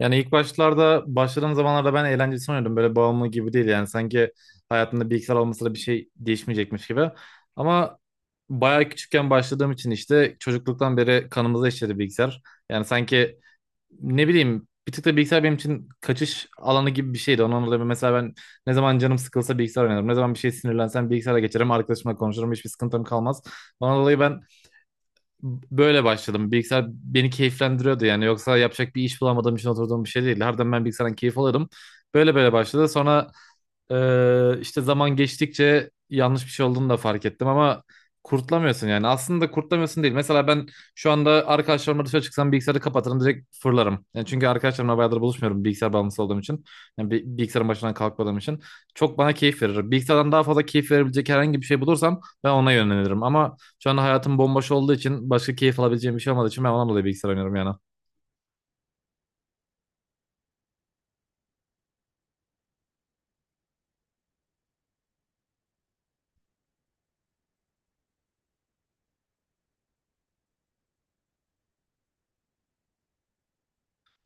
Yani ilk başlarda başladığım zamanlarda ben eğlenceli sanıyordum. Böyle bağımlı gibi değil yani. Sanki hayatımda bilgisayar olmasa da bir şey değişmeyecekmiş gibi. Ama bayağı küçükken başladığım için işte çocukluktan beri kanımıza işledi bilgisayar. Yani sanki ne bileyim bir tık da bilgisayar benim için kaçış alanı gibi bir şeydi. Ondan dolayı mesela ben ne zaman canım sıkılsa bilgisayar oynarım. Ne zaman bir şey sinirlensem bilgisayara geçerim. Arkadaşımla konuşurum. Hiçbir sıkıntım kalmaz. Ondan dolayı ben böyle başladım. Bilgisayar beni keyiflendiriyordu yani. Yoksa yapacak bir iş bulamadığım için oturduğum bir şey değil. Harbiden ben bilgisayardan keyif alırım. Böyle böyle başladı. Sonra işte zaman geçtikçe yanlış bir şey olduğunu da fark ettim ama kurtlamıyorsun yani. Aslında kurtlamıyorsun değil. Mesela ben şu anda arkadaşlarımla dışarı çıksam bilgisayarı kapatırım, direkt fırlarım. Yani çünkü arkadaşlarımla bayağıdır buluşmuyorum bilgisayar bağımlısı olduğum için. Yani bilgisayarın başından kalkmadığım için. Çok bana keyif verir. Bilgisayardan daha fazla keyif verebilecek herhangi bir şey bulursam ben ona yönelirim. Ama şu anda hayatım bomboş olduğu için, başka keyif alabileceğim bir şey olmadığı için ben ondan dolayı bilgisayar oynuyorum yani.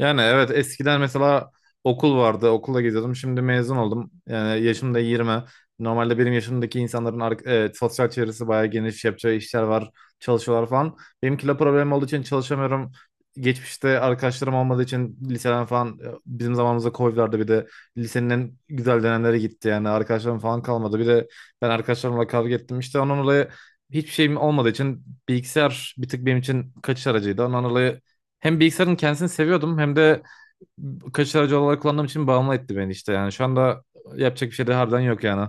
Yani evet, eskiden mesela okul vardı. Okulla geziyordum. Şimdi mezun oldum. Yani yaşım da 20. Normalde benim yaşımdaki insanların sosyal çevresi bayağı geniş. Yapacağı işler var. Çalışıyorlar falan. Benim kilo problemim olduğu için çalışamıyorum. Geçmişte arkadaşlarım olmadığı için liseden falan, bizim zamanımızda Covid vardı. Bir de lisenin en güzel dönemleri gitti. Yani arkadaşlarım falan kalmadı. Bir de ben arkadaşlarımla kavga ettim. İşte onun dolayı hiçbir şeyim olmadığı için bilgisayar bir tık benim için kaçış aracıydı. Ondan dolayı hem bilgisayarın kendisini seviyordum hem de kaçış aracı olarak kullandığım için bağımlı etti beni işte. Yani şu anda yapacak bir şey de harbiden yok yani.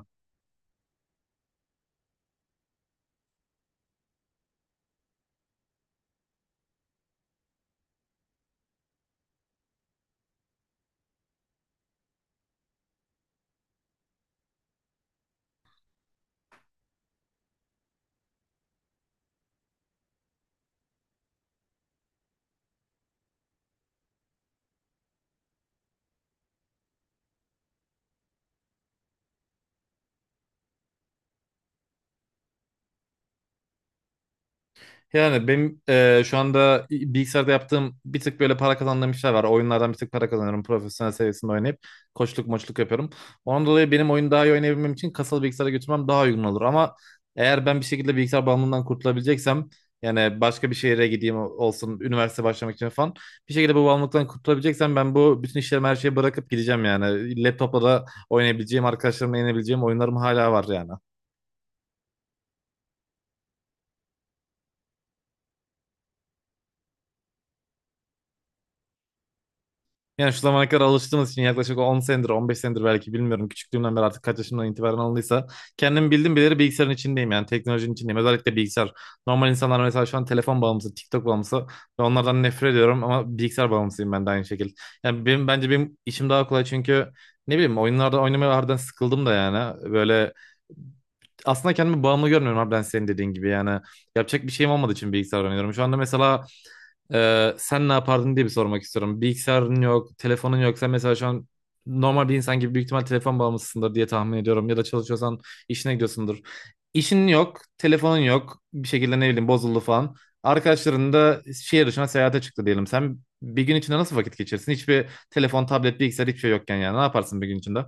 Yani benim şu anda bilgisayarda yaptığım bir tık böyle para kazandığım işler var. Oyunlardan bir tık para kazanıyorum. Profesyonel seviyesinde oynayıp koçluk moçluk yapıyorum. Ondan dolayı benim oyunu daha iyi oynayabilmem için kasalı bilgisayara götürmem daha uygun olur. Ama eğer ben bir şekilde bilgisayar bağımlılığından kurtulabileceksem, yani başka bir şehire gideyim olsun üniversite başlamak için falan, bir şekilde bu bağımlılıktan kurtulabileceksem ben bu bütün işlerimi, her şeyi bırakıp gideceğim yani. Laptopla da oynayabileceğim, arkadaşlarımla oynayabileceğim oyunlarım hala var yani. Yani şu zamana kadar alıştığımız için yaklaşık 10 senedir, 15 senedir belki, bilmiyorum. Küçüklüğümden beri artık kaç yaşımdan itibaren alındıysa. Kendim bildim bileli bilgisayarın içindeyim yani, teknolojinin içindeyim. Özellikle bilgisayar. Normal insanlar mesela şu an telefon bağımlısı, TikTok bağımlısı ve onlardan nefret ediyorum, ama bilgisayar bağımlısıyım ben de aynı şekilde. Yani benim, bence benim işim daha kolay çünkü ne bileyim oyunlarda oynamaya harbiden sıkıldım da yani. Böyle aslında kendimi bağımlı görmüyorum harbiden, senin dediğin gibi yani. Yapacak bir şeyim olmadığı için bilgisayar oynuyorum. Şu anda mesela sen ne yapardın diye bir sormak istiyorum. Bilgisayarın yok, telefonun yok. Sen mesela şu an normal bir insan gibi büyük ihtimal telefon bağımlısındır diye tahmin ediyorum. Ya da çalışıyorsan işine gidiyorsundur. İşin yok, telefonun yok. Bir şekilde ne bileyim bozuldu falan. Arkadaşların da şehir dışına seyahate çıktı diyelim. Sen bir gün içinde nasıl vakit geçirsin? Hiçbir telefon, tablet, bilgisayar, hiçbir şey yokken yani. Ne yaparsın bir gün içinde?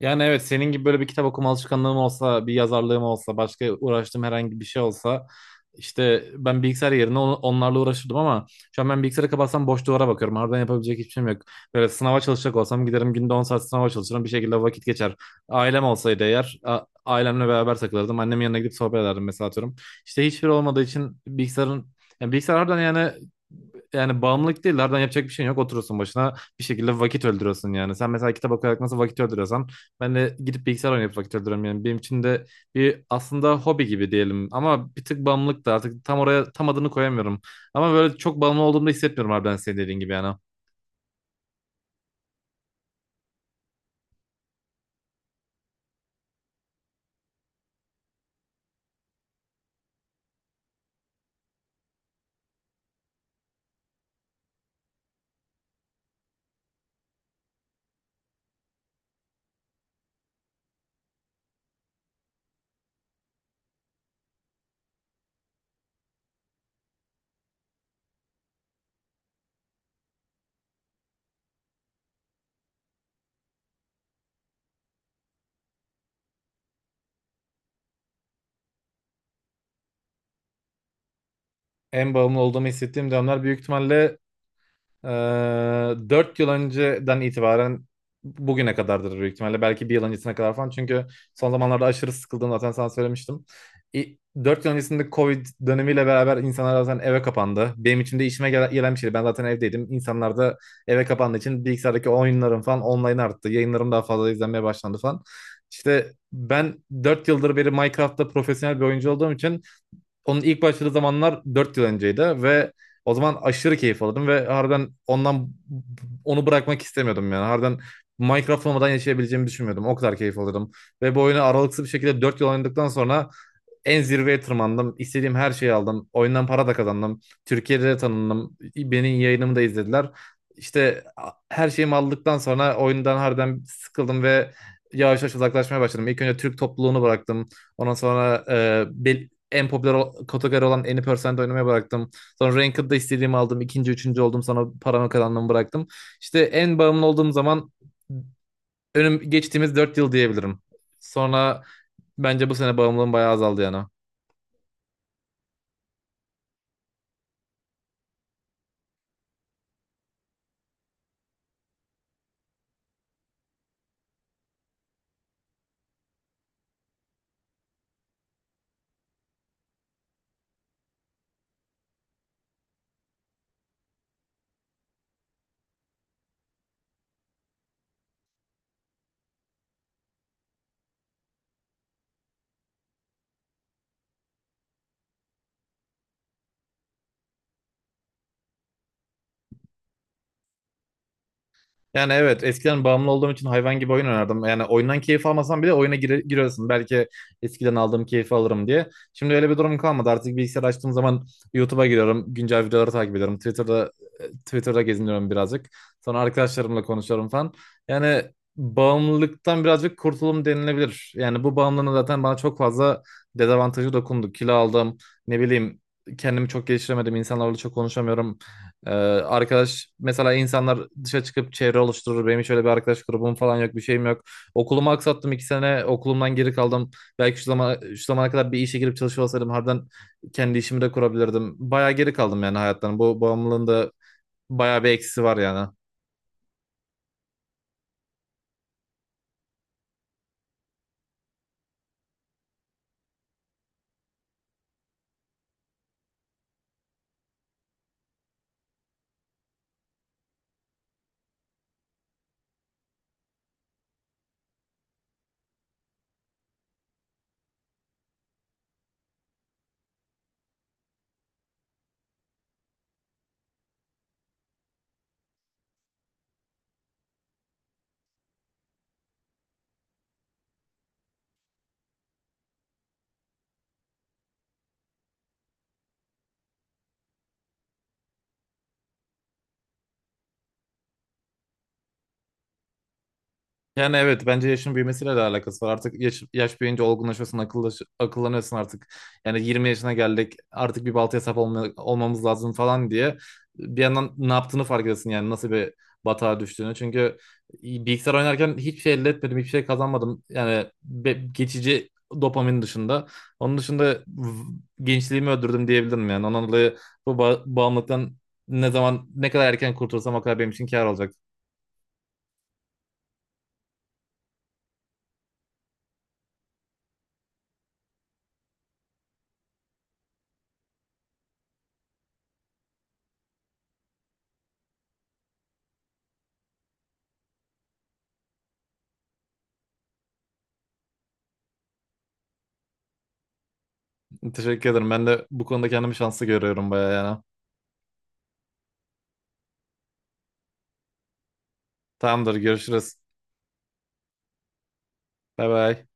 Yani evet, senin gibi böyle bir kitap okuma alışkanlığım olsa, bir yazarlığım olsa, başka uğraştığım herhangi bir şey olsa, işte ben bilgisayar yerine onlarla uğraşırdım ama şu an ben bilgisayarı kapatsam boş duvara bakıyorum. Harbiden yapabilecek hiçbir şeyim yok. Böyle sınava çalışacak olsam giderim, günde 10 saat sınava çalışırım, bir şekilde vakit geçer. Ailem olsaydı eğer, ailemle beraber takılırdım. Annemin yanına gidip sohbet ederdim mesela, atıyorum. İşte hiçbir olmadığı için bilgisayarın, yani bilgisayar harbiden yani, yani bağımlılık değil. Harbiden yapacak bir şeyin yok. Oturursun başına, bir şekilde vakit öldürüyorsun yani. Sen mesela kitap okuyarak nasıl vakit öldürüyorsan, ben de gidip bilgisayar oynayıp vakit öldürüyorum yani. Benim için de bir aslında hobi gibi diyelim. Ama bir tık bağımlılık da artık, tam oraya tam adını koyamıyorum. Ama böyle çok bağımlı olduğumu da hissetmiyorum harbiden, senin dediğin gibi yani. En bağımlı olduğumu hissettiğim dönemler büyük ihtimalle, Ee, 4 yıl önceden itibaren bugüne kadardır büyük ihtimalle. Belki bir yıl öncesine kadar falan. Çünkü son zamanlarda aşırı sıkıldım zaten, sana söylemiştim. İ- Dört yıl öncesinde Covid dönemiyle beraber insanlar zaten eve kapandı. Benim için de işime gelen gelen bir şeydi. Ben zaten evdeydim. İnsanlar da eve kapandığı için bilgisayardaki oyunlarım falan online arttı. Yayınlarım daha fazla izlenmeye başlandı falan. İşte ben 4 yıldır beri Minecraft'ta profesyonel bir oyuncu olduğum için, onun ilk başladığı zamanlar 4 yıl önceydi ve o zaman aşırı keyif alırdım ve harbiden ondan, onu bırakmak istemiyordum yani. Harbiden Minecraft olmadan yaşayabileceğimi düşünmüyordum. O kadar keyif alırdım. Ve bu oyunu aralıksız bir şekilde 4 yıl oynadıktan sonra en zirveye tırmandım. İstediğim her şeyi aldım. Oyundan para da kazandım. Türkiye'de de tanındım. Benim yayınımı da izlediler. İşte her şeyimi aldıktan sonra oyundan harbiden sıkıldım ve yavaş yavaş uzaklaşmaya başladım. İlk önce Türk topluluğunu bıraktım. Ondan sonra en popüler kategori olan Any% Percent oynamaya bıraktım. Sonra Ranked'da istediğimi aldım, ikinci üçüncü oldum. Sonra paramı kazandığımı bıraktım. İşte en bağımlı olduğum zaman önüm geçtiğimiz dört yıl diyebilirim. Sonra bence bu sene bağımlılığım bayağı azaldı yani. Yani evet, eskiden bağımlı olduğum için hayvan gibi oyun oynardım. Yani oyundan keyif almasam bile oyuna giriyorsun. Belki eskiden aldığım keyfi alırım diye. Şimdi öyle bir durum kalmadı. Artık bilgisayar açtığım zaman YouTube'a giriyorum. Güncel videoları takip ediyorum. Twitter'da, geziniyorum birazcık. Sonra arkadaşlarımla konuşuyorum falan. Yani bağımlılıktan birazcık kurtulum denilebilir. Yani bu bağımlılığın zaten bana çok fazla dezavantajı dokundu. Kilo aldım. Ne bileyim kendimi çok geliştiremedim. İnsanlarla çok konuşamıyorum. Ee, Arkadaş mesela, insanlar dışa çıkıp çevre oluşturur. Benim şöyle bir arkadaş grubum falan yok, bir şeyim yok. Okulumu aksattım, iki sene okulumdan geri kaldım. Belki şu zaman şu zamana kadar bir işe girip çalışıyor olsaydım harbiden kendi işimi de kurabilirdim. Bayağı geri kaldım yani hayattan. Bu bağımlılığın da bayağı bir eksisi var yani. Yani evet, bence yaşın büyümesiyle de alakası var. Artık yaş, yaş büyüyünce olgunlaşıyorsun, akıllaş, akıllanıyorsun artık. Yani 20 yaşına geldik, artık bir baltaya sap olmamız lazım falan diye. Bir yandan ne yaptığını fark ediyorsun, yani nasıl bir batağa düştüğünü. Çünkü bilgisayar oynarken hiçbir şey elde etmedim, hiçbir şey kazanmadım. Yani geçici dopamin dışında. Onun dışında gençliğimi öldürdüm diyebilirim yani. Ondan dolayı bu bağımlılıktan ne zaman ne kadar erken kurtulsam o kadar benim için kâr olacak. Teşekkür ederim. Ben de bu konuda kendimi şanslı görüyorum bayağı yani. Tamamdır, görüşürüz. Bay bay.